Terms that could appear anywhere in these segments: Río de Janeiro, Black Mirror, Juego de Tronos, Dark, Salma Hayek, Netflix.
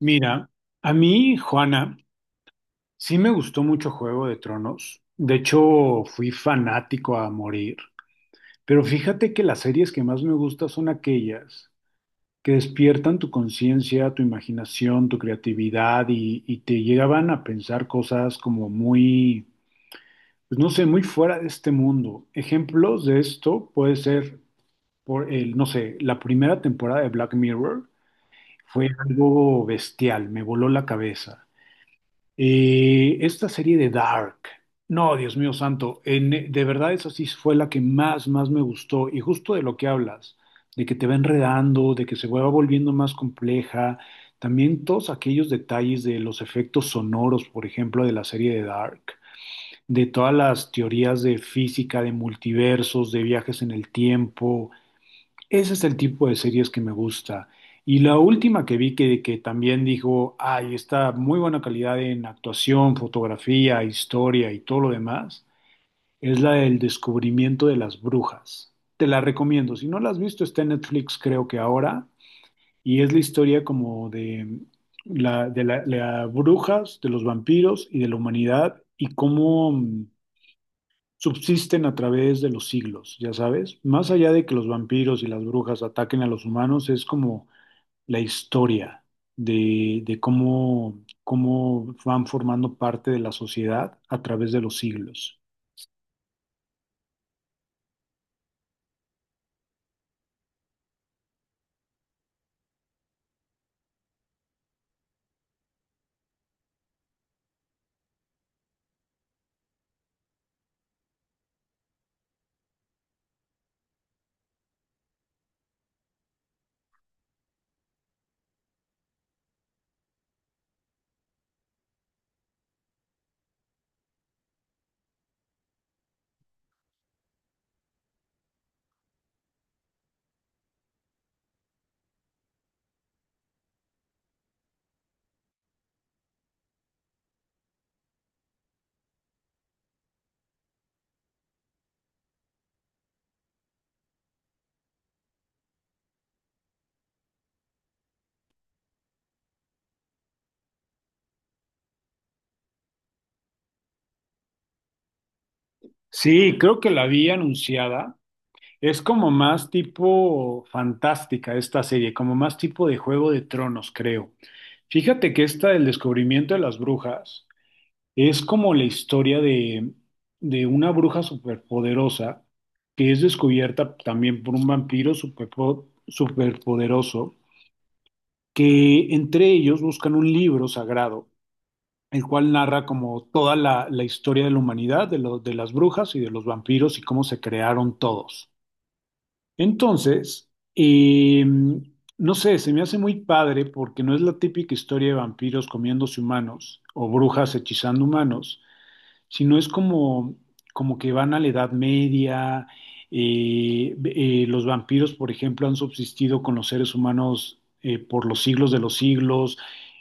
Mira, a mí, Juana, sí me gustó mucho Juego de Tronos. De hecho, fui fanático a morir. Pero fíjate que las series que más me gustan son aquellas que despiertan tu conciencia, tu imaginación, tu creatividad y te llegaban a pensar cosas como muy, pues no sé, muy fuera de este mundo. Ejemplos de esto puede ser, por el, no sé, la primera temporada de Black Mirror fue algo bestial, me voló la cabeza. Esta serie de Dark, no, Dios mío santo, de verdad esa sí fue la que más, más me gustó y justo de lo que hablas, de que te va enredando, de que se va volviendo más compleja, también todos aquellos detalles de los efectos sonoros, por ejemplo, de la serie de Dark, de todas las teorías de física, de multiversos, de viajes en el tiempo. Ese es el tipo de series que me gusta. Y la última que vi que también dijo, ay, está muy buena calidad en actuación, fotografía, historia y todo lo demás, es la del descubrimiento de las brujas. Te la recomiendo. Si no la has visto, está en Netflix creo que ahora. Y es la historia como de la- la brujas, de los vampiros y de la humanidad y cómo subsisten a través de los siglos, ya sabes. Más allá de que los vampiros y las brujas ataquen a los humanos, es como la historia de cómo, cómo van formando parte de la sociedad a través de los siglos. Sí, creo que la vi anunciada. Es como más tipo fantástica esta serie, como más tipo de Juego de Tronos, creo. Fíjate que esta del descubrimiento de las brujas. Es como la historia de una bruja superpoderosa que es descubierta también por un vampiro superpoderoso, que entre ellos buscan un libro sagrado, el cual narra como toda la historia de la humanidad, de las brujas y de los vampiros y cómo se crearon todos. Entonces, no sé, se me hace muy padre porque no es la típica historia de vampiros comiéndose humanos o brujas hechizando humanos, sino es como, como que van a la Edad Media. Los vampiros, por ejemplo, han subsistido con los seres humanos por los siglos de los siglos.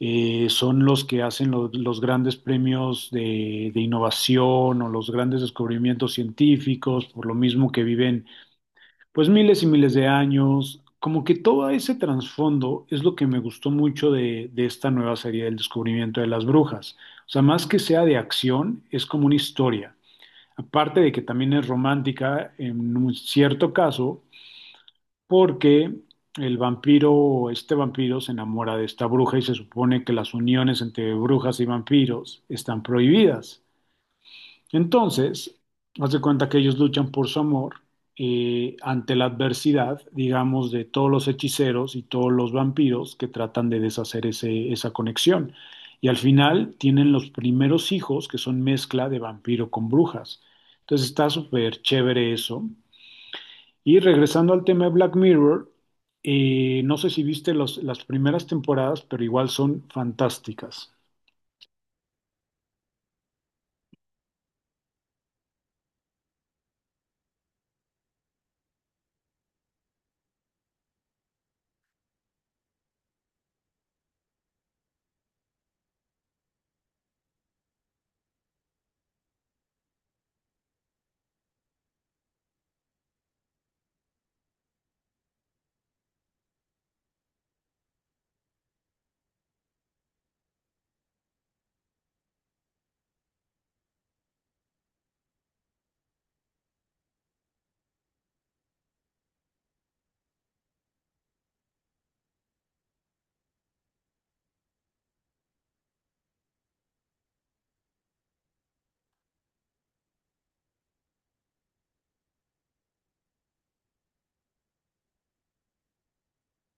Son los que hacen los grandes premios de innovación o los grandes descubrimientos científicos, por lo mismo que viven pues miles y miles de años, como que todo ese trasfondo es lo que me gustó mucho de esta nueva serie del descubrimiento de las brujas. O sea, más que sea de acción, es como una historia. Aparte de que también es romántica en un cierto caso, porque el vampiro, este vampiro se enamora de esta bruja y se supone que las uniones entre brujas y vampiros están prohibidas. Entonces, haz de cuenta que ellos luchan por su amor ante la adversidad, digamos, de todos los hechiceros y todos los vampiros que tratan de deshacer esa conexión. Y al final tienen los primeros hijos que son mezcla de vampiro con brujas. Entonces está súper chévere eso. Y regresando al tema de Black Mirror, no sé si viste las primeras temporadas, pero igual son fantásticas.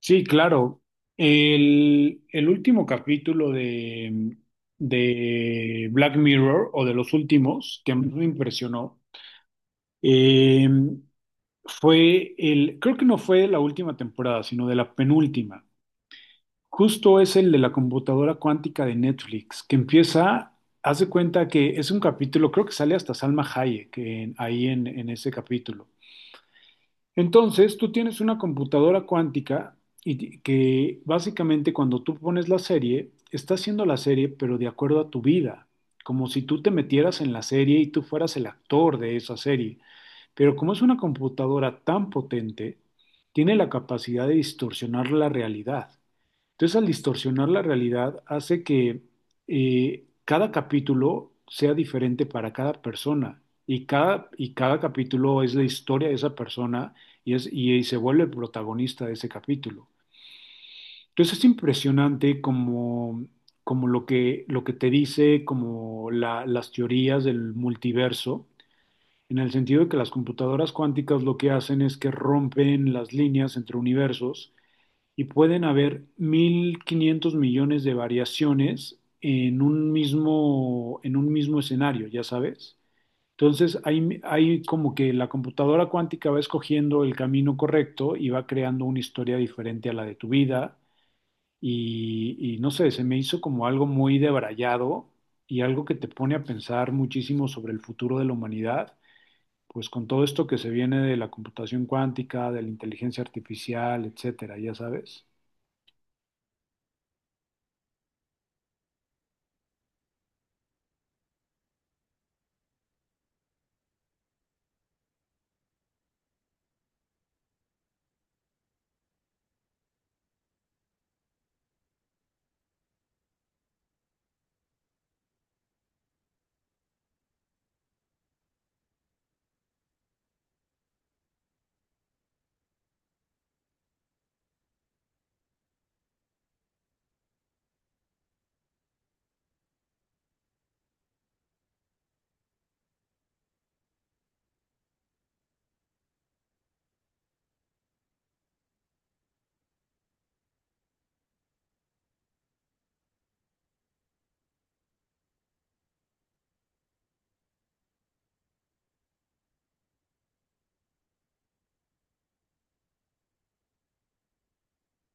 Sí, claro. El último capítulo de Black Mirror, o de los últimos, que más me impresionó, eh, fue el, creo que no fue de la última temporada, sino de la penúltima. Justo es el de la computadora cuántica de Netflix, que empieza, haz de cuenta que es un capítulo, creo que sale hasta Salma Hayek ahí en ese capítulo. Entonces, tú tienes una computadora cuántica y que básicamente cuando tú pones la serie, está haciendo la serie, pero de acuerdo a tu vida, como si tú te metieras en la serie y tú fueras el actor de esa serie. Pero como es una computadora tan potente, tiene la capacidad de distorsionar la realidad. Entonces, al distorsionar la realidad, hace que cada capítulo sea diferente para cada persona y cada capítulo es la historia de esa persona y se vuelve el protagonista de ese capítulo. Entonces, es impresionante como, como lo que te dice, como las teorías del multiverso. En el sentido de que las computadoras cuánticas lo que hacen es que rompen las líneas entre universos y pueden haber 1.500 millones de variaciones en un mismo escenario, ya sabes. Entonces, hay como que la computadora cuántica va escogiendo el camino correcto y va creando una historia diferente a la de tu vida. Y no sé, se me hizo como algo muy debrayado y algo que te pone a pensar muchísimo sobre el futuro de la humanidad, pues con todo esto que se viene de la computación cuántica, de la inteligencia artificial, etcétera, ya sabes.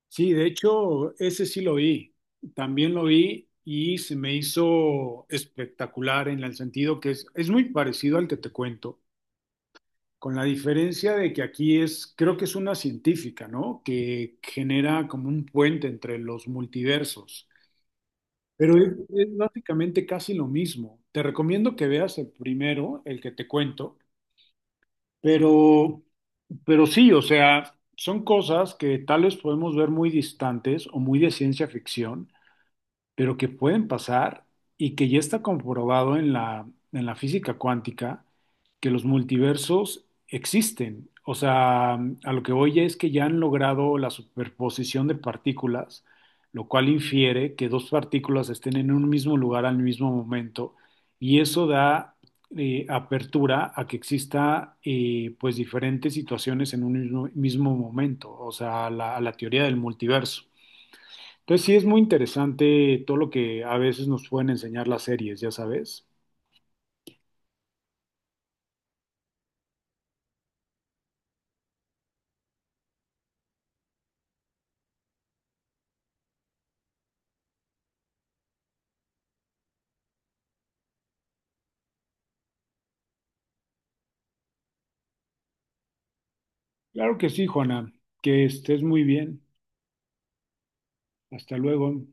Sí, de hecho, ese sí lo vi, también lo vi y se me hizo espectacular en el sentido que es muy parecido al que te cuento, con la diferencia de que aquí es, creo que es una científica, ¿no? Que genera como un puente entre los multiversos, pero es básicamente casi lo mismo. Te recomiendo que veas el primero, el que te cuento, pero, pero sí, o sea, son cosas que tal vez podemos ver muy distantes o muy de ciencia ficción, pero que pueden pasar y que ya está comprobado en la física cuántica que los multiversos existen. O sea, a lo que voy es que ya han logrado la superposición de partículas, lo cual infiere que dos partículas estén en un mismo lugar al mismo momento y eso da apertura a que exista pues diferentes situaciones en un mismo, mismo momento, o sea, a la teoría del multiverso. Entonces sí es muy interesante todo lo que a veces nos pueden enseñar las series, ya sabes. Claro que sí, Juana, que estés muy bien. Hasta luego.